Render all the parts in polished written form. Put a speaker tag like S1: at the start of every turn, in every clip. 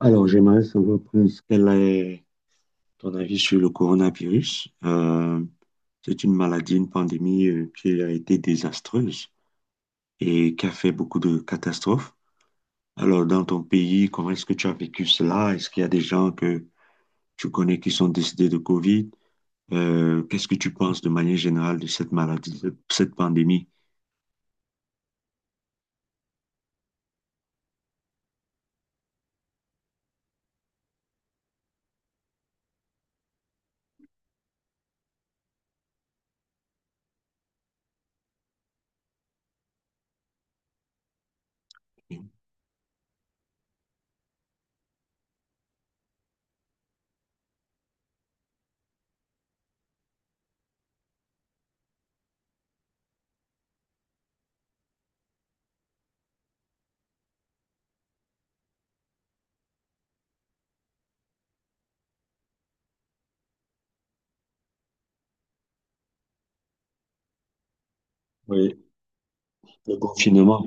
S1: Alors, j'aimerais savoir plus quel est ton avis sur le coronavirus. C'est une maladie, une pandémie qui a été désastreuse et qui a fait beaucoup de catastrophes. Alors, dans ton pays, comment est-ce que tu as vécu cela? Est-ce qu'il y a des gens que tu connais qui sont décédés de COVID? Qu'est-ce que tu penses de manière générale de cette maladie, de cette pandémie? Oui, le confinement.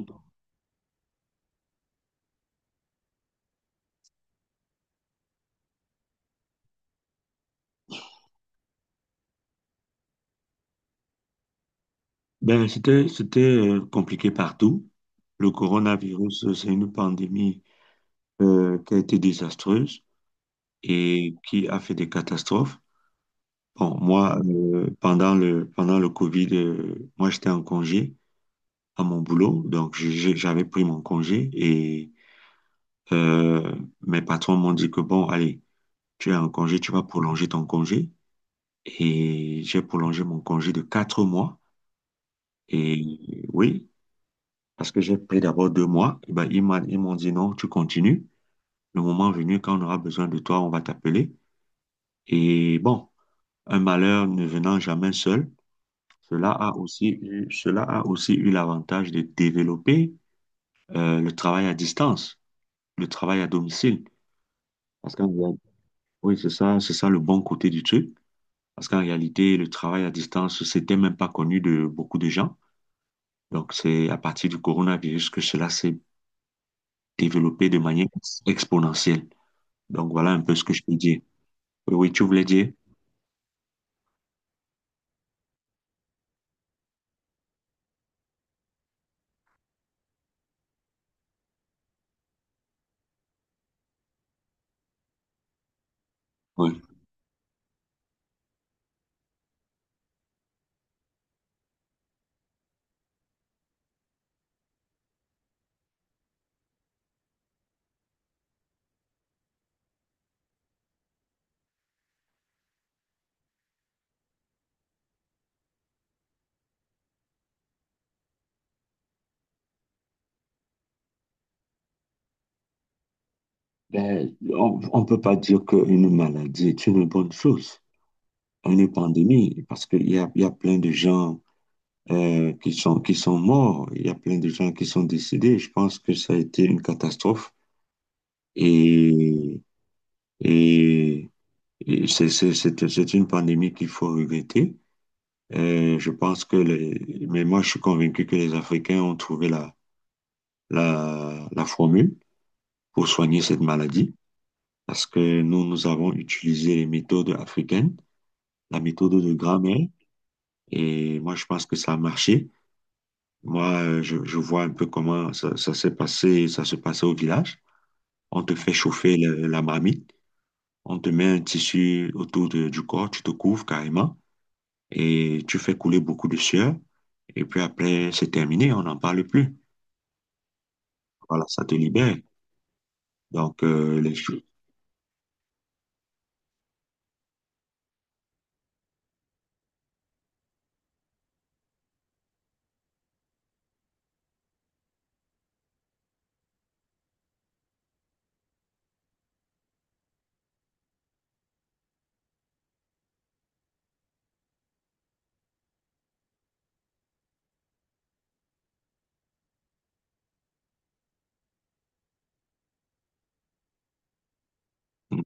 S1: Ben, c'était compliqué partout. Le coronavirus, c'est une pandémie qui a été désastreuse et qui a fait des catastrophes. Bon, moi, pendant le Covid, moi, j'étais en congé à mon boulot, donc j'avais pris mon congé et euh, mes patrons m'ont dit que, bon, allez, tu es en congé, tu vas prolonger ton congé. Et j'ai prolongé mon congé de 4 mois. Et oui, parce que j'ai pris d'abord 2 mois, et ben, ils m'ont dit non, tu continues. Le moment venu, quand on aura besoin de toi, on va t'appeler. Et bon. Un malheur ne venant jamais seul, cela a aussi eu l'avantage de développer le travail à distance, le travail à domicile. Parce qu'en réalité- oui, c'est ça le bon côté du truc. Parce qu'en réalité, le travail à distance, c'était même pas connu de beaucoup de gens. Donc, c'est à partir du coronavirus que cela s'est développé de manière exponentielle. Donc, voilà un peu ce que je peux dire. Oui, oui, tu voulais dire? Oui. Ben, on ne peut pas dire qu'une maladie est une bonne chose, une pandémie, parce qu'il y a plein de gens qui sont morts, il y a plein de gens qui sont décédés. Je pense que ça a été une catastrophe et, et, et c'est une pandémie qu'il faut regretter. Je pense mais moi je suis convaincu que les Africains ont trouvé la formule pour soigner cette maladie parce que nous, nous avons utilisé les méthodes africaines, la méthode de grammaire et moi je pense que ça a marché. Moi, je vois un peu comment ça s'est passé, ça se passait au village. On te fait chauffer la marmite, on te met un tissu autour du corps, tu te couvres carrément et tu fais couler beaucoup de sueur. Et puis après, c'est terminé, on n'en parle plus. Voilà, ça te libère. Donc, les choses. Mm.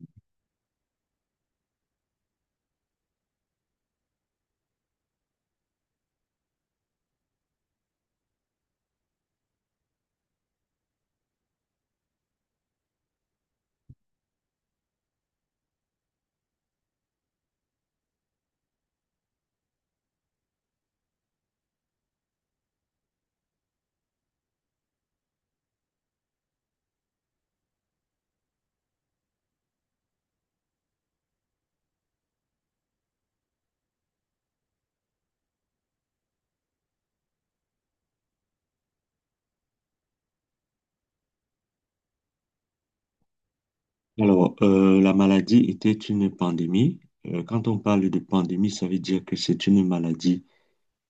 S1: Alors, la maladie était une pandémie. Quand on parle de pandémie, ça veut dire que c'est une maladie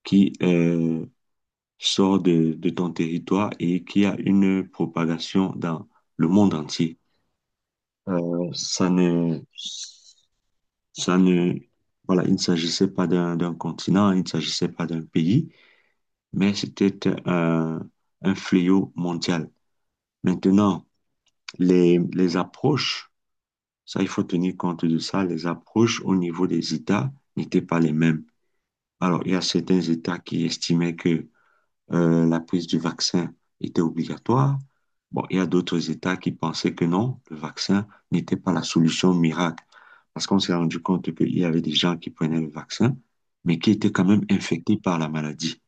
S1: qui, sort de ton territoire et qui a une propagation dans le monde entier. Euh, ça ne, ça ne, Voilà, il ne s'agissait pas d'un continent, il ne s'agissait pas d'un pays, mais c'était un, un fléau mondial. Maintenant, les approches, ça, il faut tenir compte de ça, les approches au niveau des États n'étaient pas les mêmes. Alors, il y a certains États qui estimaient que la prise du vaccin était obligatoire. Bon, il y a d'autres États qui pensaient que non, le vaccin n'était pas la solution miracle. Parce qu'on s'est rendu compte qu'il y avait des gens qui prenaient le vaccin, mais qui étaient quand même infectés par la maladie.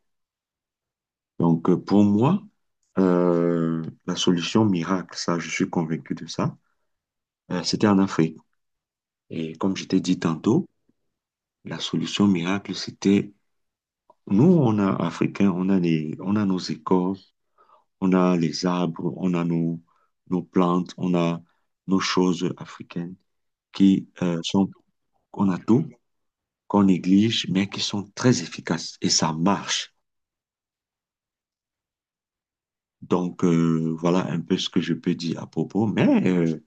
S1: Donc, pour moi, la solution miracle, ça, je suis convaincu de ça, c'était en Afrique. Et comme je t'ai dit tantôt, la solution miracle, c'était nous, on a Africains, on a nos écoles, on a les arbres, on a nos plantes, on a nos choses africaines qui sont, on a tout, qu'on néglige, mais qui sont très efficaces et ça marche. Donc, voilà un peu ce que je peux dire à propos. Mais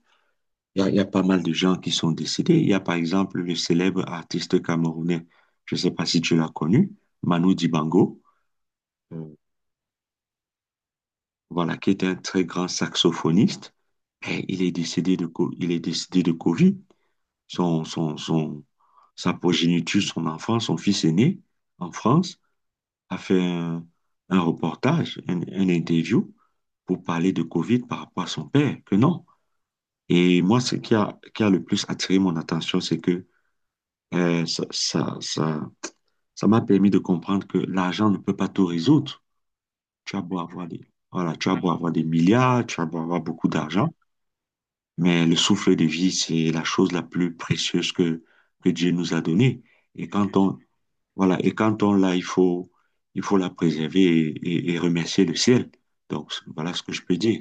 S1: y a pas mal de gens qui sont décédés. Il y a par exemple le célèbre artiste camerounais, je ne sais pas si tu l'as connu, Manu Dibango, euh, voilà, qui est un très grand saxophoniste. Et il est décédé il est décédé de Covid. son, son, son- Sa progéniture, son enfant, son fils aîné en France, a fait un, un reportage, un interview pour parler de Covid par rapport à son père, que non. Et moi, ce qui a le plus attiré mon attention, c'est que euh, ça, ça, ça, ça m'a permis de comprendre que l'argent ne peut pas tout résoudre. Tu as beau avoir voilà, tu as beau avoir des milliards, tu as beau avoir beaucoup d'argent, mais le souffle de vie, c'est la chose la plus précieuse que Dieu nous a donnée. Et quand on, Voilà, et quand on l'a, il faut la préserver et remercier le ciel. Donc, voilà ce que je peux dire.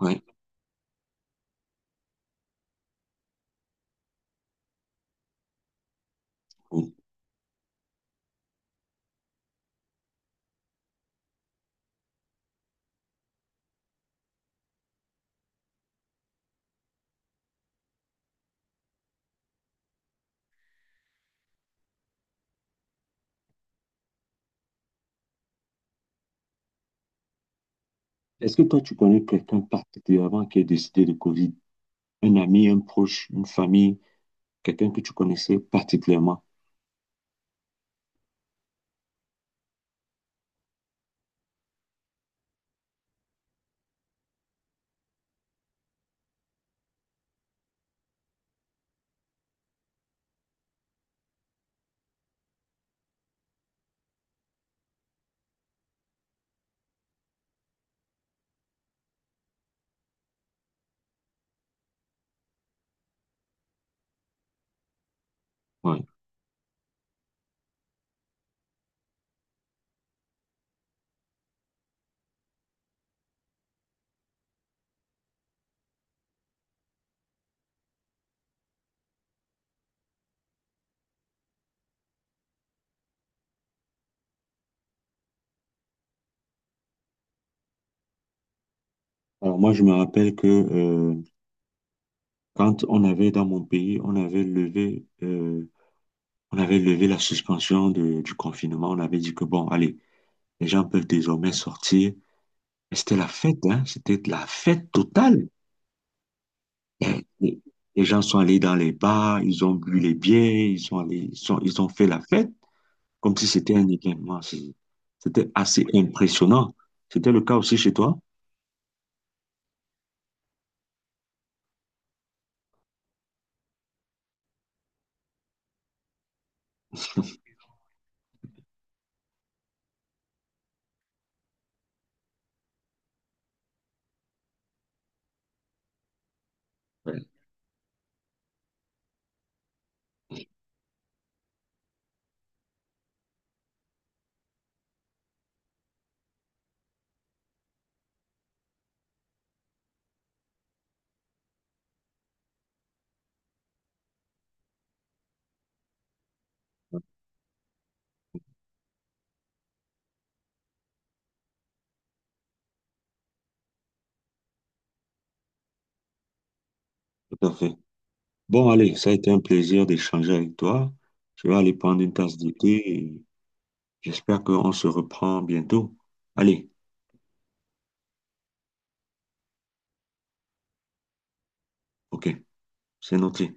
S1: Ouais. Bon. Est-ce que toi, tu connais quelqu'un particulièrement qui est décédé de Covid? Un ami, un proche, une famille, quelqu'un que tu connaissais particulièrement? Ouais. Alors moi, je me rappelle que quand on avait dans mon pays, on avait levé la suspension du confinement. On avait dit que bon, allez, les gens peuvent désormais sortir. Et c'était la fête, hein. C'était la fête totale. Et les gens sont allés dans les bars, ils ont bu les bières, ils sont allés, ils ont fait la fête comme si c'était un événement. C'était assez impressionnant. C'était le cas aussi chez toi? Oui, tout à fait. Bon, allez, ça a été un plaisir d'échanger avec toi. Je vais aller prendre une tasse de thé et j'espère qu'on se reprend bientôt. Allez, ok, c'est noté.